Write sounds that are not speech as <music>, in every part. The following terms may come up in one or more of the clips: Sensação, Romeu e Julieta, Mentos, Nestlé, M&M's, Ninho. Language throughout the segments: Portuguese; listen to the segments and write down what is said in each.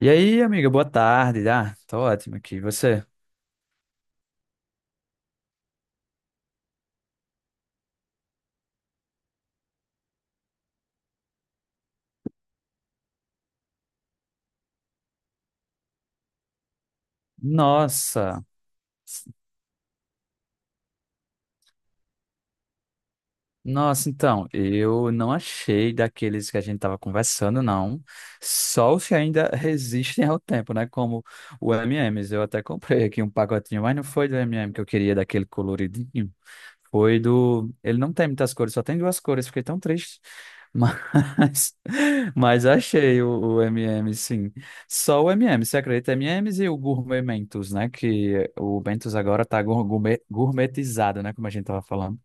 E aí, amiga, boa tarde. Ah, tô ótimo aqui. E você? Nossa, nossa, então, eu não achei daqueles que a gente estava conversando, não. Só os que ainda <laughs> resistem ao tempo, né? Como o M&M's. Eu até comprei aqui um pacotinho, mas não foi do M&M que eu queria, daquele coloridinho. Foi do. Ele não tem muitas cores, só tem duas cores, fiquei tão triste. Mas, <laughs> mas achei o M&M, sim. Só o M&M, você acredita? M&M's e M's e o Gourmet Mentos, né? Que o Mentos agora tá gourmet, gourmetizado, né? Como a gente tava falando.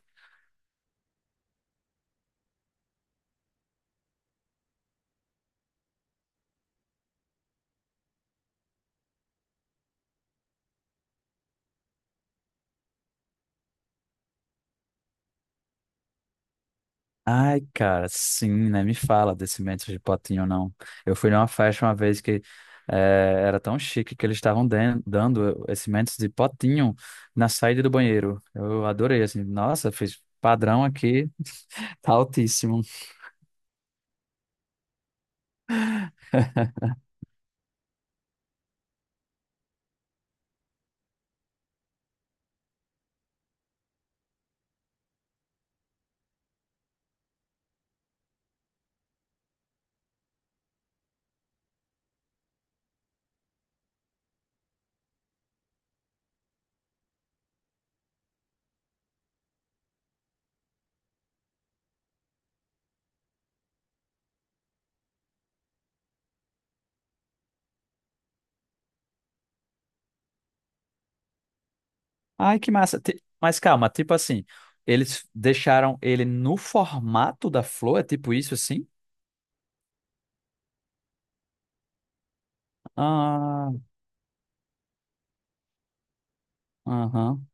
Ai, cara, sim, né? Me fala desse Mentos de Potinho, não. Eu fui numa festa uma vez que era tão chique que eles estavam dando esse Mentos de Potinho na saída do banheiro. Eu adorei, assim. Nossa, fiz padrão aqui, <laughs> tá altíssimo. Ai, que massa. Mas calma, tipo assim, eles deixaram ele no formato da flor, é tipo isso assim? Ah, aham.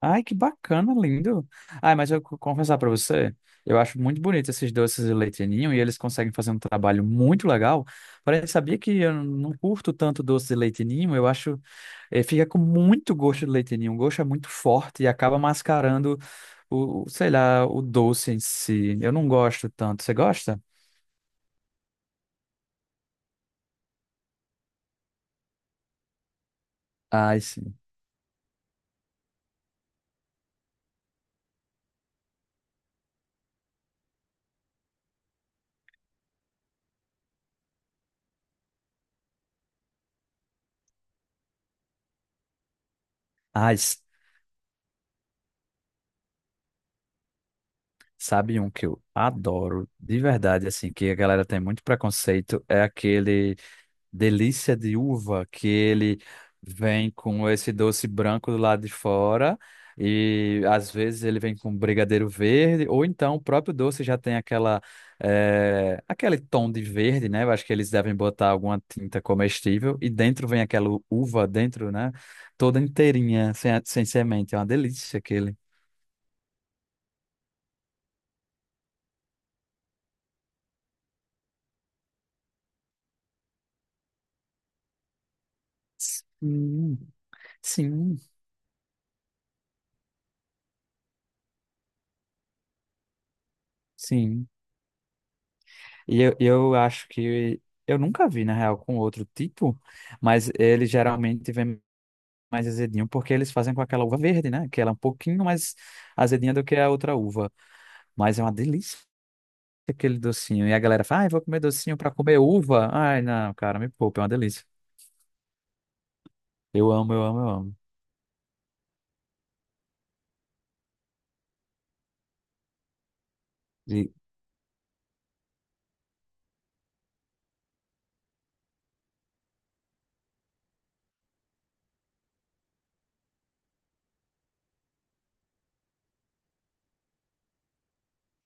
Ai, que bacana, lindo. Ai, mas eu confessar para você, eu acho muito bonito esses doces de leite ninho e eles conseguem fazer um trabalho muito legal. Porém, sabia que eu não curto tanto doce de leite ninho, eu acho, fica com muito gosto de leite ninho, o gosto é muito forte e acaba mascarando o, sei lá, o doce em si. Eu não gosto tanto. Você gosta? Ai, sim. Ai, sabe um que eu adoro, de verdade, assim, que a galera tem muito preconceito, é aquele delícia de uva, que ele vem com esse doce branco do lado de fora, e às vezes ele vem com brigadeiro verde, ou então o próprio doce já tem aquele tom de verde, né? Eu acho que eles devem botar alguma tinta comestível, e dentro vem aquela uva dentro, né? Toda inteirinha, sem semente. É uma delícia aquele. Sim, sim, sim. E eu acho que eu nunca vi, na real, com outro tipo, mas ele geralmente vem mais azedinho, porque eles fazem com aquela uva verde, né? Que ela é um pouquinho mais azedinha do que a outra uva. Mas é uma delícia aquele docinho. E a galera fala, ai, vou comer docinho pra comer uva. Ai, não, cara, me poupa, é uma delícia. Eu amo, eu amo, eu amo. E,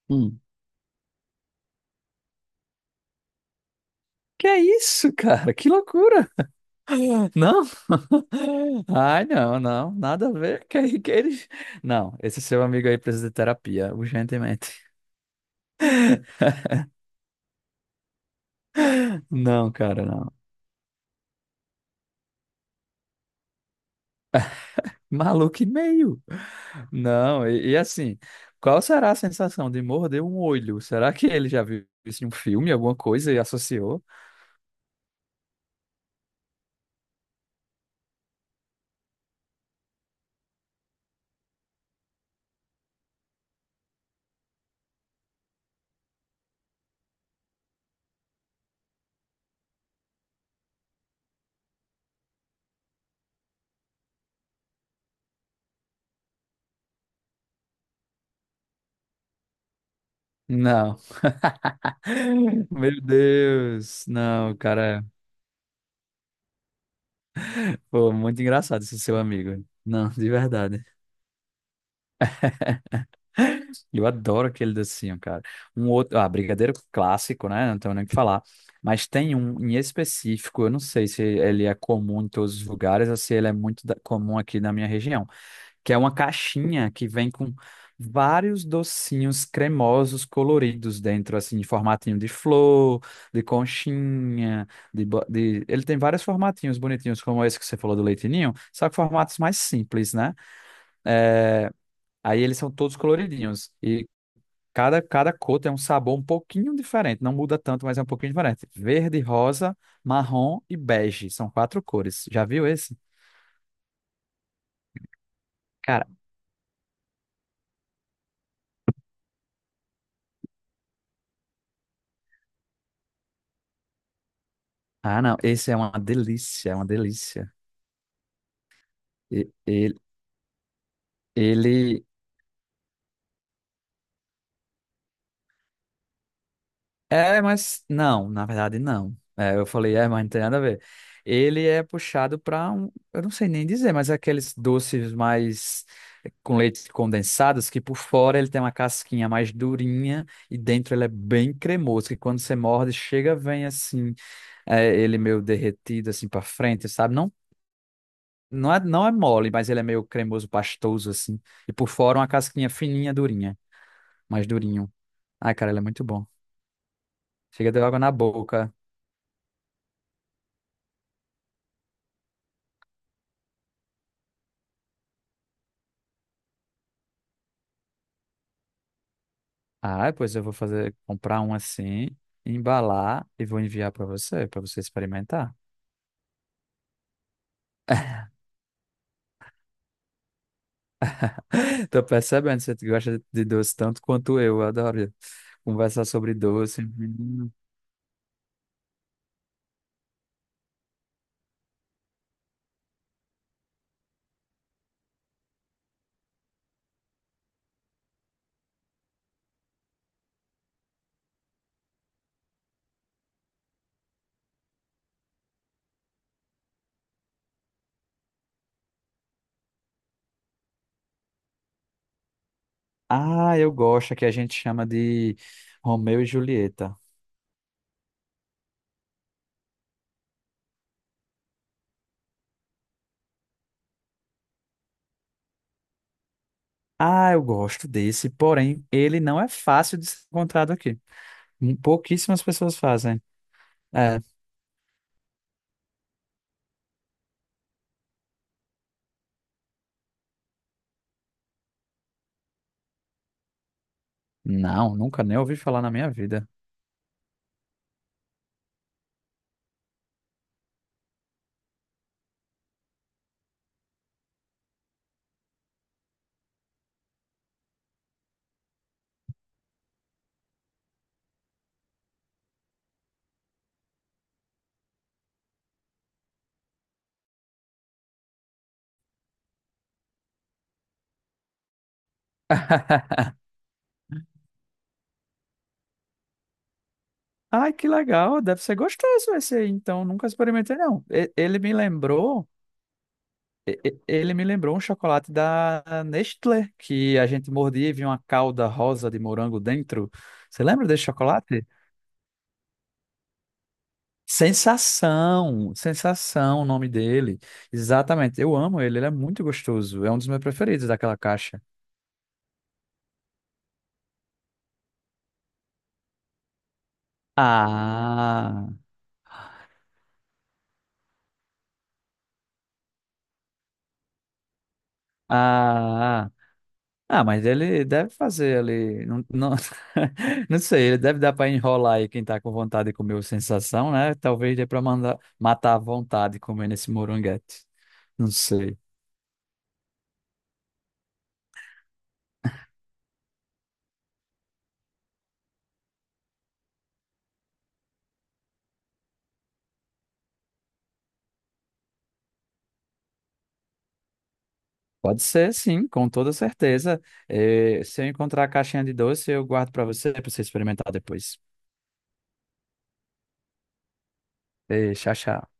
hum, que é isso, <laughs> cara? Que loucura! <laughs> Não? <laughs> Ai, não, não, nada a ver. <laughs> Que ele... Não, esse seu amigo aí precisa de terapia, urgentemente. Não, cara, não. Maluco e meio. Não, e assim, qual será a sensação de morder um olho? Será que ele já viu isso em um filme, alguma coisa e associou? Não. <laughs> Meu Deus. Não, cara. Pô, muito engraçado esse seu amigo. Não, de verdade. Eu adoro aquele docinho, cara. Um outro, ah, brigadeiro clássico, né? Não tenho nem o que falar. Mas tem um em específico, eu não sei se ele é comum em todos os lugares ou se ele é muito comum aqui na minha região que é uma caixinha que vem com vários docinhos cremosos coloridos dentro, assim, em formatinho de flor, de conchinha, de... Ele tem vários formatinhos bonitinhos, como esse que você falou do leitinho, só que formatos mais simples, né? Aí eles são todos coloridinhos e cada cor tem um sabor um pouquinho diferente, não muda tanto, mas é um pouquinho diferente. Verde, rosa, marrom e bege, são quatro cores. Já viu esse? Cara, ah não, esse é uma delícia, é uma delícia. E- Ele é, mas não, na verdade não. É, eu falei, é, mas não tem nada a ver. Ele é puxado para um, eu não sei nem dizer, mas é aqueles doces mais com leite condensados que por fora ele tem uma casquinha mais durinha e dentro ele é bem cremoso, que quando você morde, chega, vem assim, é, ele meio derretido assim para frente, sabe? Não, não é mole, mas ele é meio cremoso, pastoso assim. E por fora uma casquinha fininha, durinha, mais durinho. Ai, cara, ele é muito bom. Chega, deu água na boca. Ah, pois eu vou fazer, comprar um assim, embalar e vou enviar para você experimentar. <laughs> Tô percebendo, você gosta de doce tanto quanto eu. Eu adoro conversar sobre doce. Menino. Ah, eu gosto, que a gente chama de Romeu e Julieta. Ah, eu gosto desse, porém, ele não é fácil de ser encontrado aqui. Pouquíssimas pessoas fazem. É, não, nunca nem ouvi falar na minha vida. Ai, que legal, deve ser gostoso esse aí, então nunca experimentei não. Ele me lembrou um chocolate da Nestlé, que a gente mordia e vinha uma calda rosa de morango dentro. Você lembra desse chocolate? Sensação, Sensação, o nome dele. Exatamente, eu amo ele, ele é muito gostoso. É um dos meus preferidos daquela caixa. Ah, ah, ah, ah, mas ele deve fazer ali, não, não, <laughs> não sei, ele deve dar para enrolar aí quem tá com vontade de comer o Sensação, né? Talvez dê para mandar matar a vontade comendo esse moranguete. Não sei. Pode ser, sim, com toda certeza. Eh, se eu encontrar a caixinha de doce, eu guardo para você experimentar depois. Eh, tchau, tchau.